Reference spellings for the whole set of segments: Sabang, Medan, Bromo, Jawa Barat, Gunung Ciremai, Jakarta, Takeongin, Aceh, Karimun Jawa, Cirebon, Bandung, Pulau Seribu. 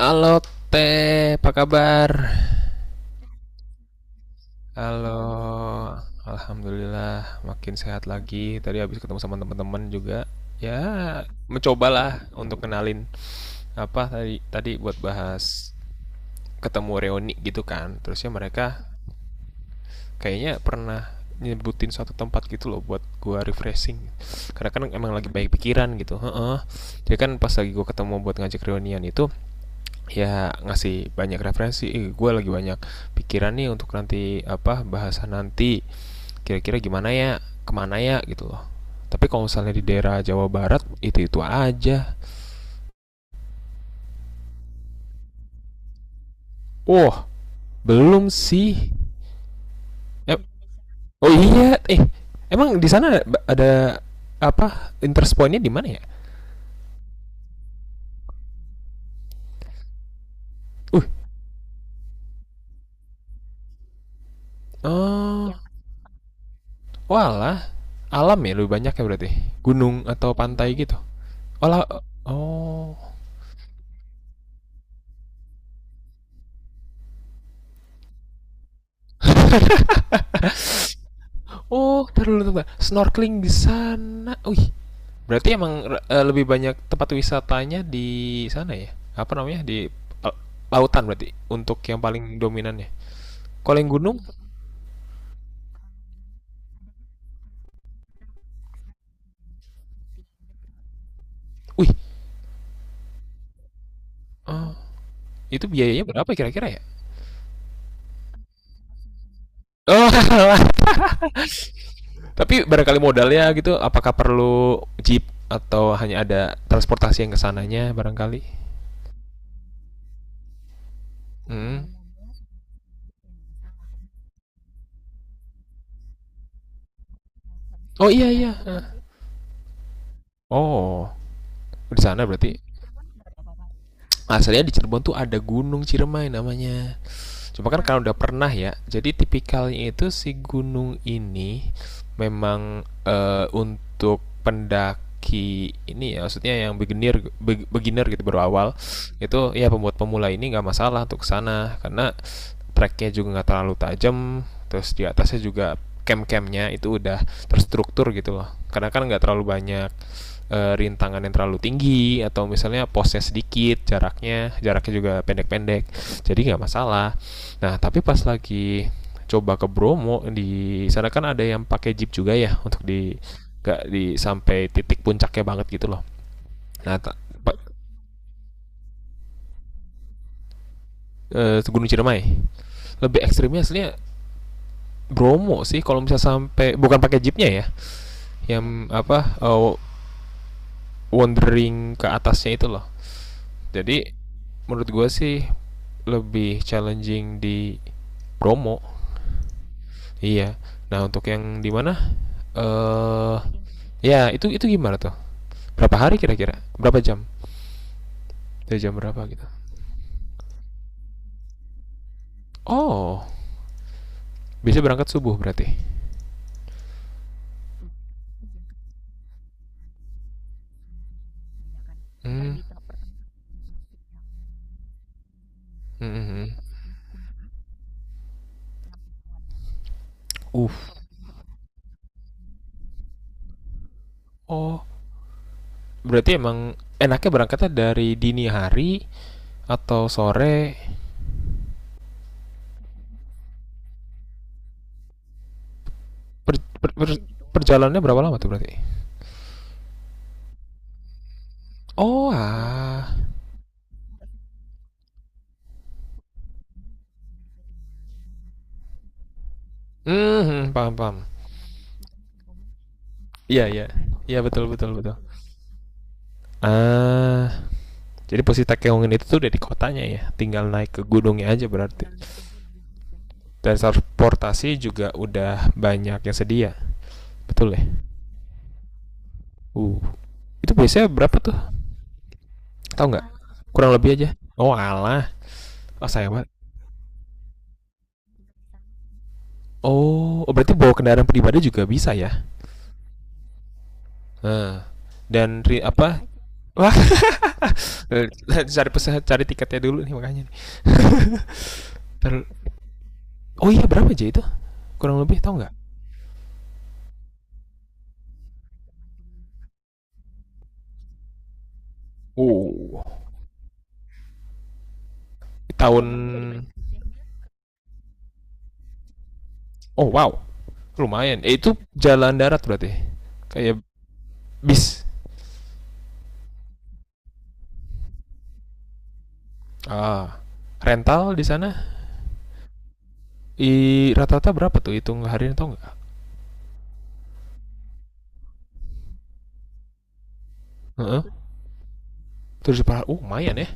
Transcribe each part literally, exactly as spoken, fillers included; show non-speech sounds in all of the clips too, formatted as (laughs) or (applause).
Halo Teh, apa kabar? Halo, alhamdulillah makin sehat lagi. Tadi habis ketemu sama teman-teman juga. Ya, mencobalah untuk kenalin apa tadi tadi buat bahas ketemu reuni gitu kan. Terusnya mereka kayaknya pernah nyebutin suatu tempat gitu loh buat gua refreshing. Karena kan emang lagi baik pikiran gitu. Heeh. Jadi kan pas lagi gua ketemu buat ngajak reunian itu ya ngasih banyak referensi eh, gue lagi banyak pikiran nih untuk nanti apa bahasan nanti kira-kira gimana ya kemana ya gitu loh tapi kalau misalnya di daerah Jawa Barat itu itu aja. Wah, belum sih. eh, oh iya, eh emang di sana ada, ada apa interest pointnya di mana ya? uh oh ya. Walah, alam ya lebih banyak ya berarti, gunung atau pantai gitu. Walah. Oh. (laughs) Oh, taruh dulu. Snorkeling di sana. Wih, berarti emang eh, lebih banyak tempat wisatanya di sana ya? Apa namanya? Di eh, lautan berarti untuk yang paling dominannya. Kalau yang gunung, wih, eh, itu biayanya berapa kira-kira ya? Oh. (laughs) Tapi barangkali modalnya gitu, apakah perlu jeep atau hanya ada transportasi yang kesananya barangkali? Hmm. Oh iya iya. eh. Oh, di sana berarti asalnya di Cirebon tuh ada Gunung Ciremai namanya. Cuma kan karena udah pernah ya, jadi tipikalnya itu si gunung ini memang eh, untuk pendaki ini ya, maksudnya yang beginner beginner gitu baru awal, itu ya pembuat pemula ini nggak masalah untuk sana karena treknya juga nggak terlalu tajam, terus di atasnya juga camp-campnya itu udah terstruktur gitu loh, karena kan nggak terlalu banyak eh, rintangan yang terlalu tinggi atau misalnya posnya sedikit, jaraknya jaraknya juga pendek-pendek, jadi nggak masalah. Nah tapi pas lagi coba ke Bromo di sana kan ada yang pakai jeep juga ya untuk di nggak di sampai titik puncaknya banget gitu loh. nah ta- pa- eh, Gunung Ciremai lebih ekstrimnya aslinya Bromo sih kalau misalnya sampai bukan pakai jeepnya ya, yang apa eh, wandering ke atasnya itu loh. Jadi menurut gue sih lebih challenging di promo. Iya. Nah, untuk yang di mana? Eh ya, itu itu gimana tuh? Berapa hari kira-kira? Berapa jam? Dari jam berapa gitu? Oh, bisa berangkat subuh berarti. Hmm, gitu. Hmm, hmm, hmm. Uh. Oh, berarti emang enaknya berangkatnya dari dini hari atau sore? Per- per- per- perjalanannya berapa lama tuh berarti? Oh, ah. Hmm, hmm, paham, paham. Iya, iya. Iya, betul, betul, betul. Ah, jadi posisi Takeongin itu tuh udah di kotanya ya, tinggal naik ke gunungnya aja berarti. Dan transportasi juga udah banyak yang sedia, betul ya? Uh, itu biasanya berapa tuh? Tahu nggak? Kurang lebih aja. Oh alah, oh sayang banget. Oh, oh, berarti bawa kendaraan pribadi juga bisa ya? Nah, dan ri- apa? Wah. (laughs) Cari pesan, cari tiketnya dulu nih makanya. Nih. (laughs) Oh iya, berapa aja itu? Kurang lebih tahu nggak? Oh, tahun. Oh wow, lumayan. Eh, itu jalan darat berarti. Kayak bis. Ah. Rental di sana, i rata-rata berapa tuh, hitung harian atau nggak? Heeh. Terus dipahala, uh, lumayan ya.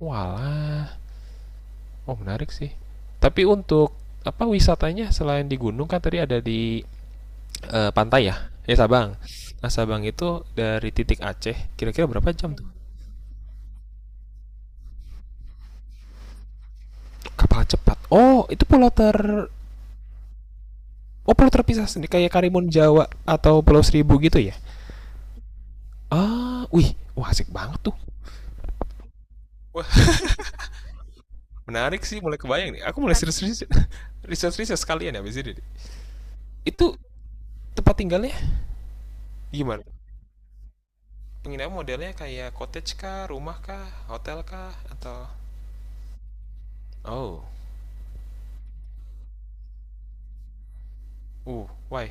Walah. Oh, menarik sih. Tapi untuk apa wisatanya selain di gunung kan tadi ada di eh, pantai ya? Ya, Sabang. Nah, Sabang itu dari titik Aceh kira-kira berapa jam tuh? Kapal cepat. Oh, itu pulau ter Oh, pulau terpisah sendiri kayak Karimun Jawa atau Pulau Seribu gitu ya? Ah, wih, wah asik banget tuh. Wah, menarik sih, mulai kebayang nih. Aku mulai serius-serius riset-riset sekalian ya abis ini. Itu tempat tinggalnya gimana? Penginapan modelnya kayak cottage kah, rumah kah, hotel kah, atau oh, uh, why?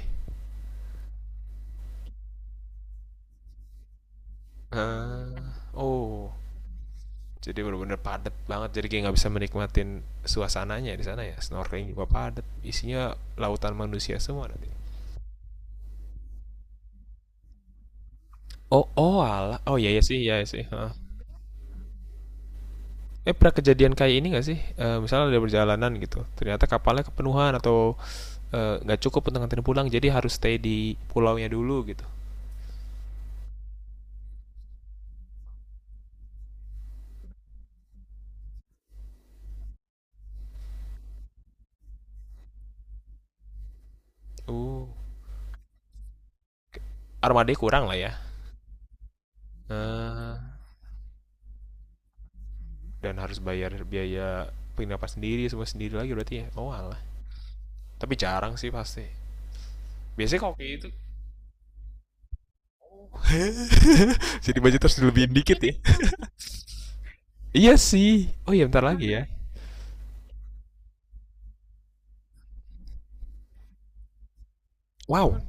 Ah, oh, jadi benar-benar padat banget. Jadi kayak nggak bisa menikmatin suasananya di sana ya. Snorkeling juga padat. Isinya lautan manusia semua nanti. Oh, oh ala. Oh iya iya sih, iya iya sih. Heeh. Eh, pernah kejadian kayak ini nggak sih? Eh, misalnya ada perjalanan gitu, ternyata kapalnya kepenuhan atau eh, nggak uh, cukup untuk nganterin pulang, jadi harus stay di pulaunya dulu gitu. uh armada kurang lah ya. Eh, dan harus bayar biaya penginapan sendiri, semua sendiri lagi berarti ya, oh alah. Tapi jarang sih pasti biasanya kopi itu. (laughs) Jadi budget harus dilebihin dikit ya. (laughs) Iya sih. Oh iya bentar lagi ya. Wow.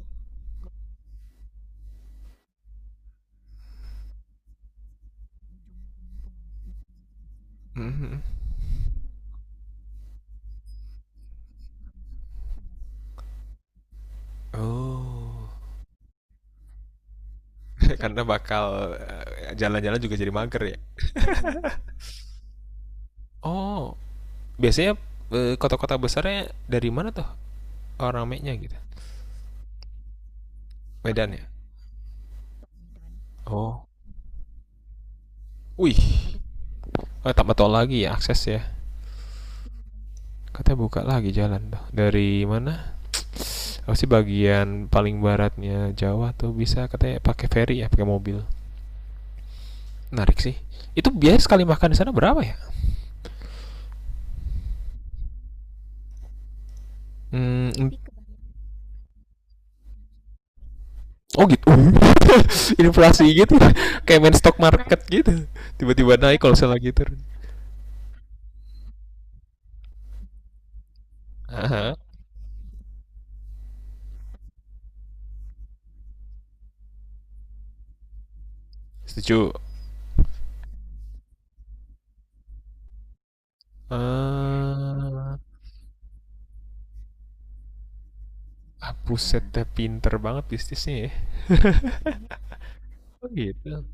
Mhm. Oh. (laughs) Karena bakal eh, jalan-jalan juga jadi mager ya. Oh, biasanya eh, kota-kota besarnya dari mana tuh orang ramenya gitu? Medan ya. Oh. Wih. Oh, tambah tol lagi ya akses ya. Katanya buka lagi jalan tuh. Dari mana? Apa sih bagian paling baratnya Jawa tuh bisa katanya pakai ferry ya, pakai mobil. Menarik sih. Itu biaya sekali makan di sana berapa ya? Hmm, mm, oh gitu. (laughs) Inflasi gitu. (laughs) Kayak main stock market gitu. Tiba-tiba naik kalau saya lagi turun. Aha. Setuju. Ah, ah, buset dah, pinter banget bisnisnya ya. Oh gitu.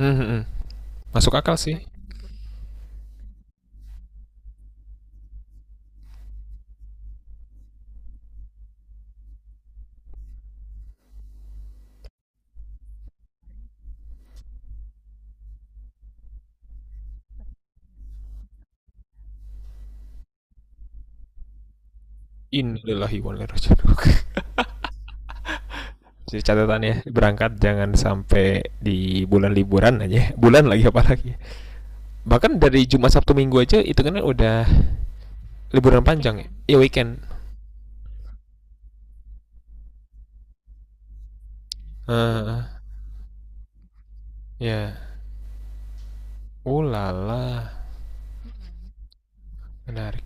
Hmm, hmm, hmm. Masuk akal sih. Innalillahi wa inna ilaihi raji'un. Jadi catatannya berangkat jangan sampai di bulan liburan aja. (laughs) Bulan lagi apalagi. Bahkan dari Jumat Sabtu Minggu aja itu kan udah liburan panjang ya. Iya weekend. Heeh, ya. Ulala, menarik.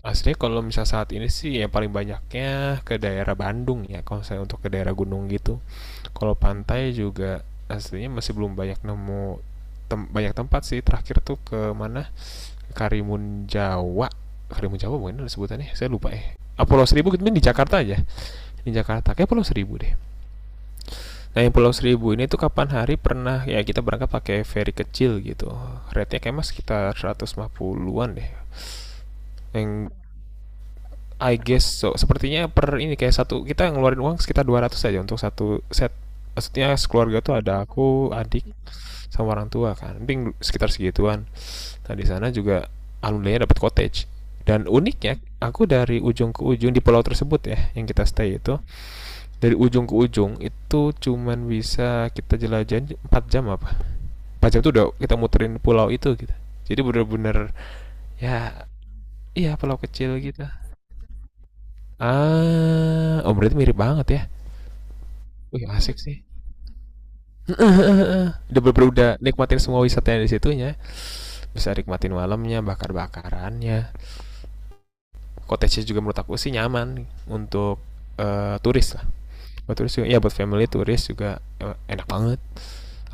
Aslinya kalau misal saat ini sih yang paling banyaknya ke daerah Bandung ya kalau saya untuk ke daerah gunung gitu. Kalau pantai juga aslinya masih belum banyak nemu tem- banyak tempat sih. Terakhir tuh ke mana? Karimun Jawa Karimun Jawa mungkin ada sebutannya saya lupa ya. Ah, Pulau Seribu itu di Jakarta aja, di Jakarta kayak Pulau Seribu deh. Nah yang Pulau Seribu ini tuh kapan hari pernah ya, kita berangkat pakai ferry kecil gitu, rate-nya kayak mas sekitar seratus lima puluhan deh, yang I guess so sepertinya per ini kayak satu kita ngeluarin uang sekitar dua ratus aja untuk satu set, maksudnya sekeluarga tuh ada aku, adik sama orang tua kan, mungkin sekitar segituan. Tadi sana juga alhamdulillah dapat cottage. Dan uniknya, aku dari ujung ke ujung di pulau tersebut ya, yang kita stay itu, dari ujung ke ujung itu cuman bisa kita jelajahin empat jam apa. empat jam itu udah kita muterin pulau itu gitu. Jadi bener-bener ya, iya pulau kecil gitu. Ah, oh berarti mirip banget ya. Wih asik sih. (laughs) Udah bener, udah nikmatin semua wisatanya di situnya. Bisa nikmatin malamnya, bakar-bakarannya, cottage juga menurut aku sih nyaman untuk eh, turis lah, buat turis juga ya buat family, turis juga eh, enak banget.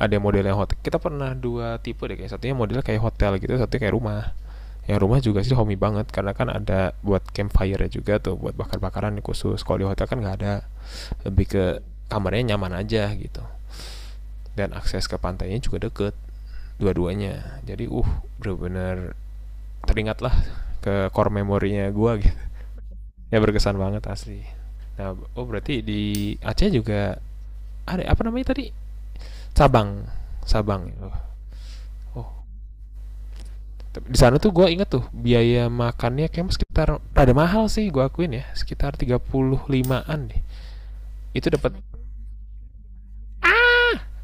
Ada modelnya hotel, kita pernah dua tipe deh kayak satunya modelnya kayak hotel gitu, satunya kayak rumah. Yang rumah juga sih homey banget karena kan ada buat campfire juga tuh buat bakar-bakaran, khusus kalau di hotel kan nggak ada, lebih ke kamarnya nyaman aja gitu, dan akses ke pantainya juga deket dua-duanya jadi uh bener-bener teringatlah ke core memorinya gue gitu. Ya berkesan banget asli. Nah, oh berarti di Aceh juga ada apa namanya tadi, Sabang. Sabang oh, oh. Di sana tuh gue inget tuh biaya makannya kayak sekitar rada mahal sih gue akuin ya sekitar tiga puluh limaan deh. Itu dapat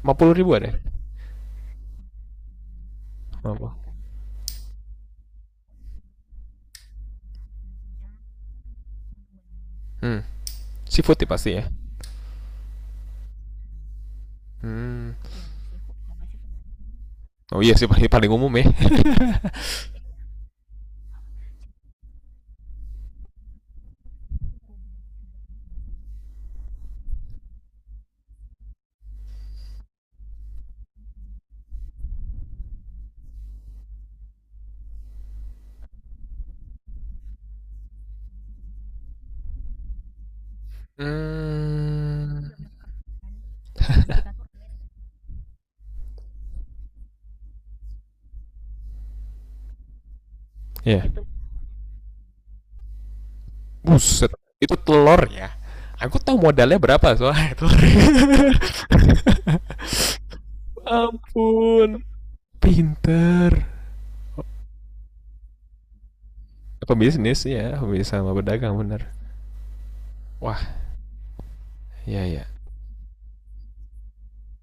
lima puluh ribu ada ya? lima puluh. Hmm, seafood ya pasti ya. Hmm, oh iya sih, paling paling umum ya. Hmm, ya buset, itu telur ya, aku tahu modalnya berapa soalnya telur. (laughs) Ampun, pinter. Pebisnis ya, pebisnis sama pedagang bener. Wah, ya ya.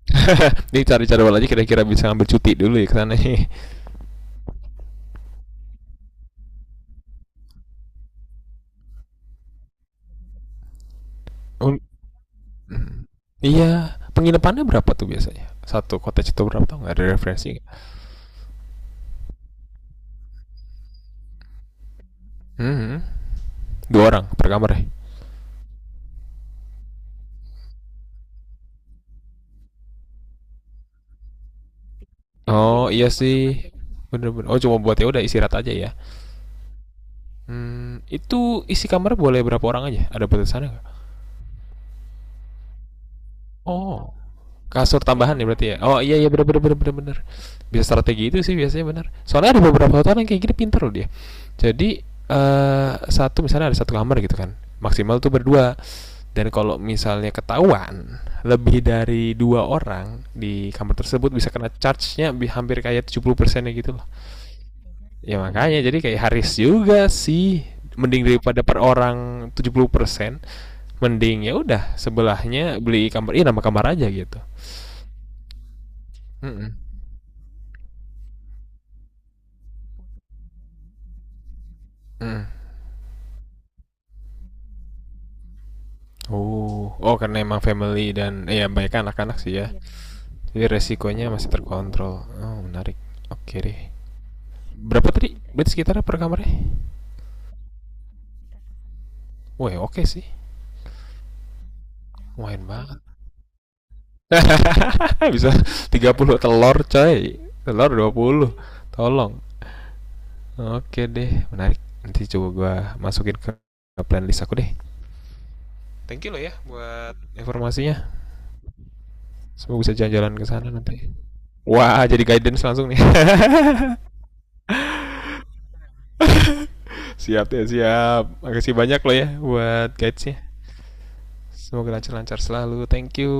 (laughs) Ini cari jadwal aja, (laughs) kira-kira bisa ambil cuti dulu ya ke sana. (laughs) Iya, penginapannya berapa tuh biasanya? Satu cottage itu berapa, tau nggak ada referensi? Nggak? Hmm, dua orang per kamar ya. Oh iya sih, bener-bener. Oh cuma buat ya udah istirahat aja ya. Hmm, itu isi kamar boleh berapa orang aja? Ada batasannya nggak? Oh, kasur tambahan ya berarti ya? Oh iya iya bener bener bener bener bener. Bisa strategi itu sih biasanya bener. Soalnya ada beberapa hotel yang kayak gini pinter loh dia. Jadi eh satu misalnya ada satu kamar gitu kan, maksimal tuh berdua. Dan kalau misalnya ketahuan lebih dari dua orang di kamar tersebut bisa kena charge-nya hampir kayak tujuh puluh persen ya gitu loh. Ya makanya jadi kayak Haris juga sih, mending daripada per orang tujuh puluh persen, mending ya udah sebelahnya beli kamar, ini nama kamar aja gitu. Mhm, mhm. Oh, oh karena emang family dan eh, ya banyak anak-anak sih ya. Iya, jadi resikonya masih terkontrol, oh menarik, oke deh. Berapa tadi berarti sekitar per kamarnya? Wah, oke sih, lumayan banget. (laughs) Bisa. Tiga puluh telur coy, telur dua puluh. Tolong. Oke deh menarik, nanti coba gua masukin ke plan list aku deh. Thank you loh ya buat informasinya, semoga bisa jalan-jalan ke sana nanti. Wah, jadi guidance langsung nih. (laughs) Siap ya, siap. Makasih banyak loh ya buat guidesnya. Semoga lancar-lancar selalu. Thank you.